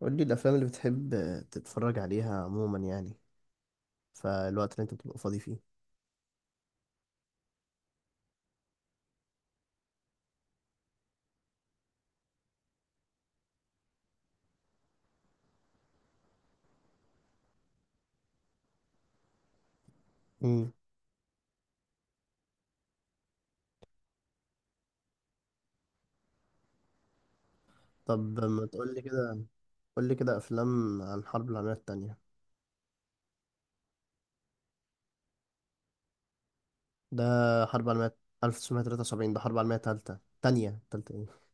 قول لي الافلام اللي بتحب تتفرج عليها عموما يعني، فالوقت اللي انت بتبقى فاضي فيه. امم. طب ما تقول لي كده، قول لي كده افلام عن الحرب العالميه الثانيه. ده حرب عالميه. 1973 ده حرب عالميه ثالثه ثانيه ثالثه ايه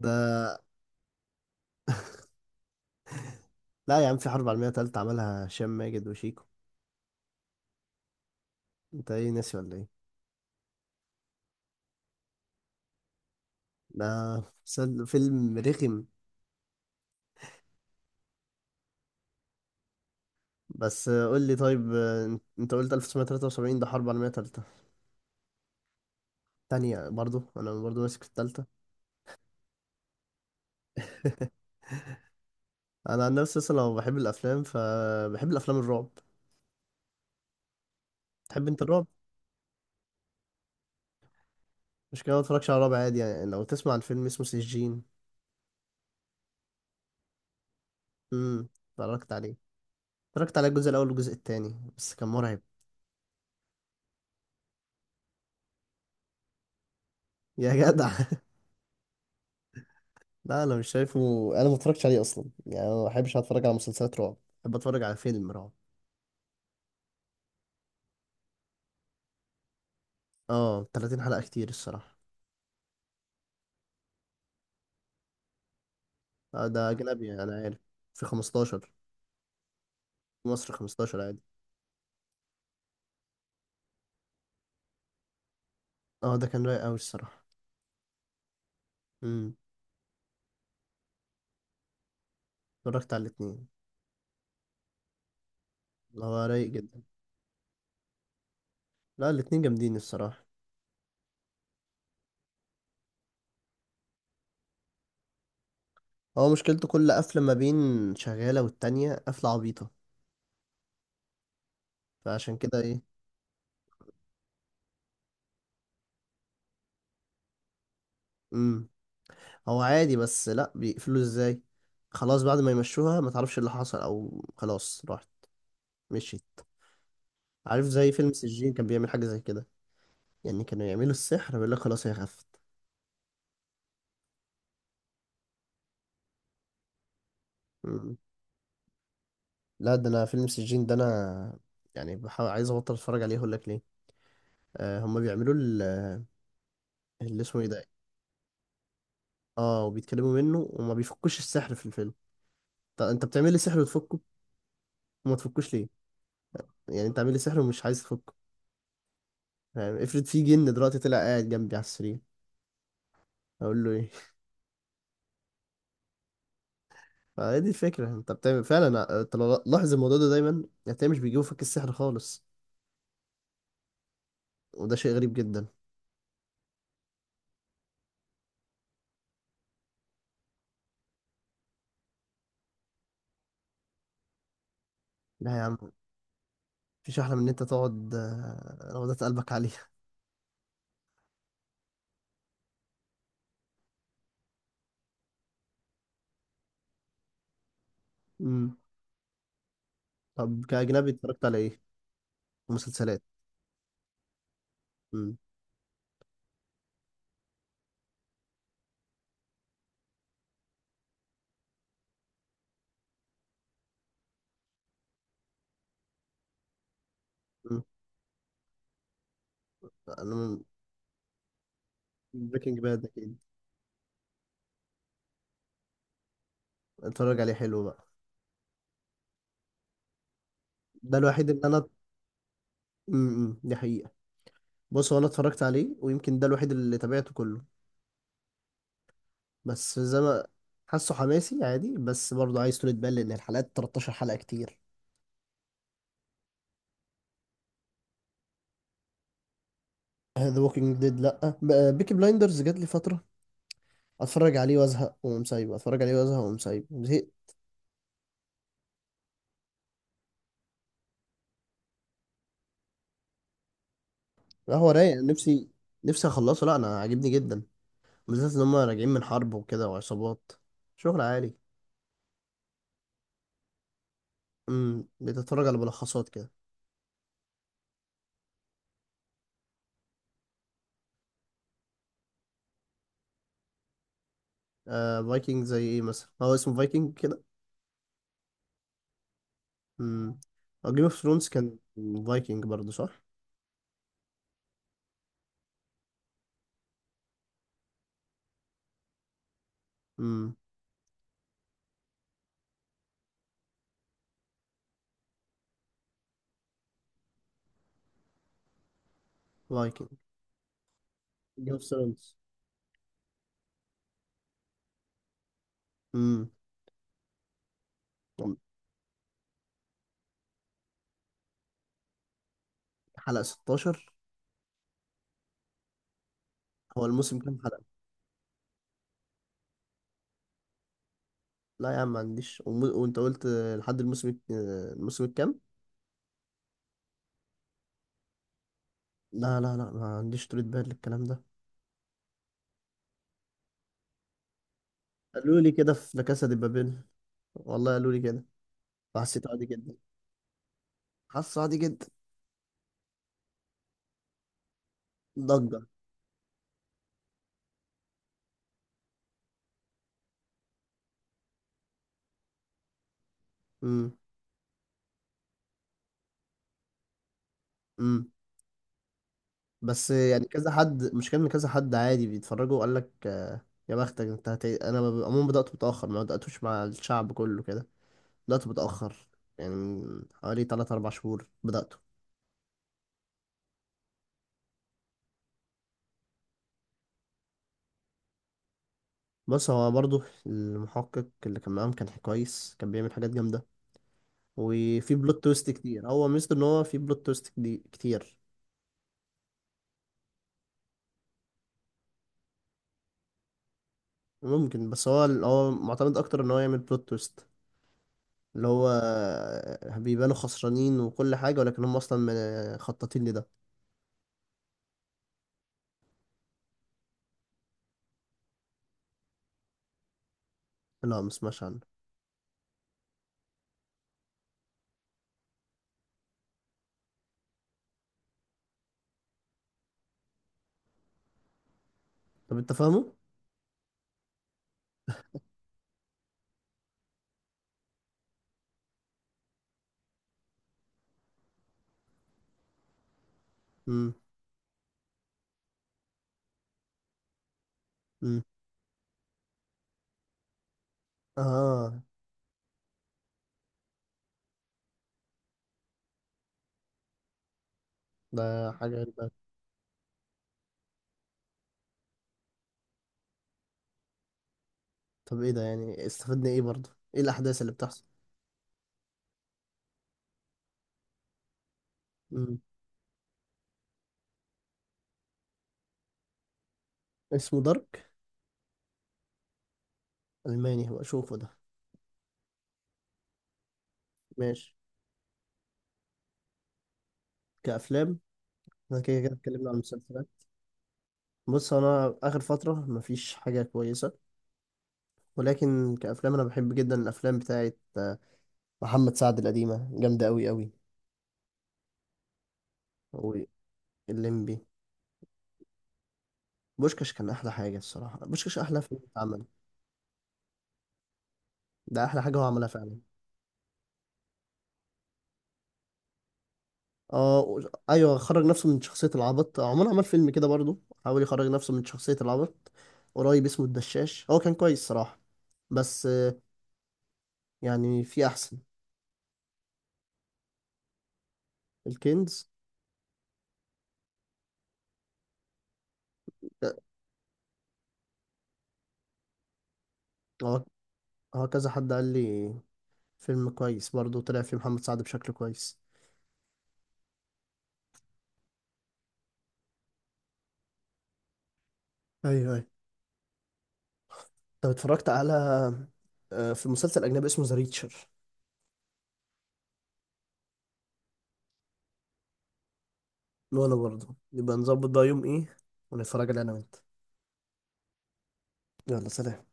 ده؟ لا يا عم، في حرب عالميه ثالثه عملها هشام ماجد وشيكو. انت ايه، ناسي ولا ايه؟ ده فيلم رخم. بس قول لي طيب، انت قلت 1973 ده حرب عالميه ثالثه ثانيه برضو. انا برضو ماسك في الثالثه. انا عن نفسي اصلا لو بحب الافلام فبحب الافلام الرعب. تحب انت الرعب؟ مش كده، ما اتفرجش على الرعب عادي يعني، لو تسمع عن فيلم اسمه سجين. اتفرجت عليه. اتفرجت على الجزء الاول والجزء التاني بس كان مرعب. يا جدع. لا، انا مش شايفه. انا ما اتفرجتش عليه اصلا، يعني أنا ما بحبش اتفرج على مسلسلات رعب، بحب اتفرج على فيلم رعب. اه، 30 حلقة كتير الصراحة. آه، ده اجنبي يعني، انا عارف. في 15. في مصر 15 عادي. اه، ده كان رايق قوي الصراحة. امم. اتفرجت على الاتنين. اللي هو رايق جدا. لا، الاتنين جامدين الصراحة. هو مشكلته كل قفلة ما بين شغالة والتانية قفلة عبيطة، فعشان كده ايه. امم. هو عادي بس لا، بيقفلوا ازاي؟ خلاص بعد ما يمشوها ما تعرفش اللي حصل او خلاص راحت مشيت. عارف زي فيلم سجين كان بيعمل حاجة زي كده، يعني كانوا يعملوا السحر بيقول لك خلاص هي خفت. امم لا، ده انا فيلم سجين ده انا يعني بحاول عايز ابطل اتفرج عليه، اقول لك ليه. آه، هما بيعملوا اللي اسمه ايه ده. اه، وبيتكلموا منه وما بيفكوش السحر في الفيلم. طب انت بتعمل لي سحر وتفكه، وما تفكوش ليه؟ يعني انت عامل لي سحر ومش عايز تفكه. يعني افرض في جن دلوقتي طلع قاعد جنبي على السرير، اقول له ايه؟ فهي دي الفكره، انت بتعمل فعلا. انت لو لاحظ الموضوع ده دايما هتلاقيه مش بيجيبوا فك السحر خالص، وده شيء غريب جدا. لا يا عم، مفيش احلى من ان انت تقعد روضات قلبك عليها. امم. طب كاجنبي اتفرجت على ايه؟ مسلسلات. امم. امم. انا. بريكنج باد اكيد، اتفرج عليه حلو بقى. ده الوحيد اللي انا. دي حقيقه. بص، هو انا اتفرجت عليه ويمكن ده الوحيد اللي تابعته كله. بس زي ما حاسه، حماسي عادي بس برضه عايز طولة بال، لأن الحلقات 13 حلقة كتير. ذا ووكينج ديد لأ. بيكي بلايندرز جات لي فترة، أتفرج عليه وأزهق وأقوم سايبه، أتفرج عليه وأزهق وأقوم سايبه، زهقت. لا، هو رايق. نفسي، نفسي أخلصه. لأ، أنا عاجبني جدا، بالذات إن هما راجعين من حرب وكده وعصابات. شغل عالي. بتتفرج على ملخصات كده. آه، فايكنج زي إيه مثلا؟ هو اسمه فايكنج كده. امم. جيم اوف ثرونز كان فايكنج برضه صح؟ امم. فايكنج. جيم اوف ثرونز. حلقة 16. هو الموسم كام حلقة؟ لا يا عم ما عنديش وانت قلت لحد الموسم الموسم الكام؟ لا لا لا، ما عنديش طولة بال للكلام ده. قالوا لي كده في لا كاسا دي بابيل. والله قالوا لي كده فحسيته عادي جدا. حاسه عادي جدا. ضجة. امم. امم. بس يعني كذا حد، مش كان كذا حد عادي بيتفرجوا وقال لك يا بختك انت انا عموما بدأت متأخر، ما بدأتوش مع الشعب كله كده. بدأت متأخر يعني من حوالي 3 4 شهور بدأته. بص، هو برضه المحقق اللي كان معاهم كان كويس، كان بيعمل حاجات جامدة. وفي بلوت تويست كتير، هو ميزته ان هو في بلوت تويست دي كتير. ممكن. بس هو معتمد اكتر ان هو يعمل بلوت تويست، اللي هو بيبانوا خسرانين وكل حاجة ولكن هم اصلا خططين لده. لا، مسمعش عنه. طب انت فاهمه؟ امم. امم. اه، ده حاجة غريبة. طب ايه ده، يعني استفدنا ايه برضه؟ ايه الاحداث اللي بتحصل؟ امم. اسمه دارك. الماني، هبقى اشوفه ده. ماشي. كأفلام، احنا كده كده اتكلمنا عن المسلسلات. بص، انا اخر فتره مفيش حاجه كويسه. ولكن كافلام انا بحب جدا الافلام بتاعه محمد سعد القديمه جامده قوي قوي. واللمبي. بوشكاش كان احلى حاجه الصراحه، بوشكاش احلى فيلم اتعمل. ده احلى حاجه هو عملها فعلا. اه ايوه، خرج نفسه من شخصيه العبط. عمر عمل فيلم كده برضو، حاول يخرج نفسه من شخصيه العبط. قريب اسمه الدشاش، هو كان كويس صراحه، بس يعني في احسن. الكنز. آه، هو هو كذا حد قال لي فيلم كويس برضه طلع فيه محمد سعد بشكل كويس. ايوه ايوه. طب اتفرجت على في مسلسل اجنبي اسمه ذا ريتشر. وانا برضه نبقى نظبط بقى يوم ايه، ونتفرج عليه انا وانت. يلا سلام.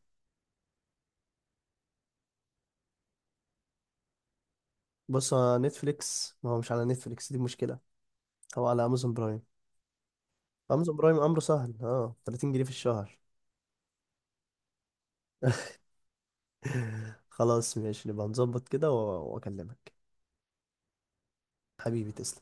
بص، على نتفليكس. ما هو مش على نتفليكس، دي مشكلة. هو على امازون برايم. امازون برايم امره سهل، اه 30 جنيه في الشهر. خلاص ماشي، نبقى نظبط كده واكلمك. حبيبي تسلم.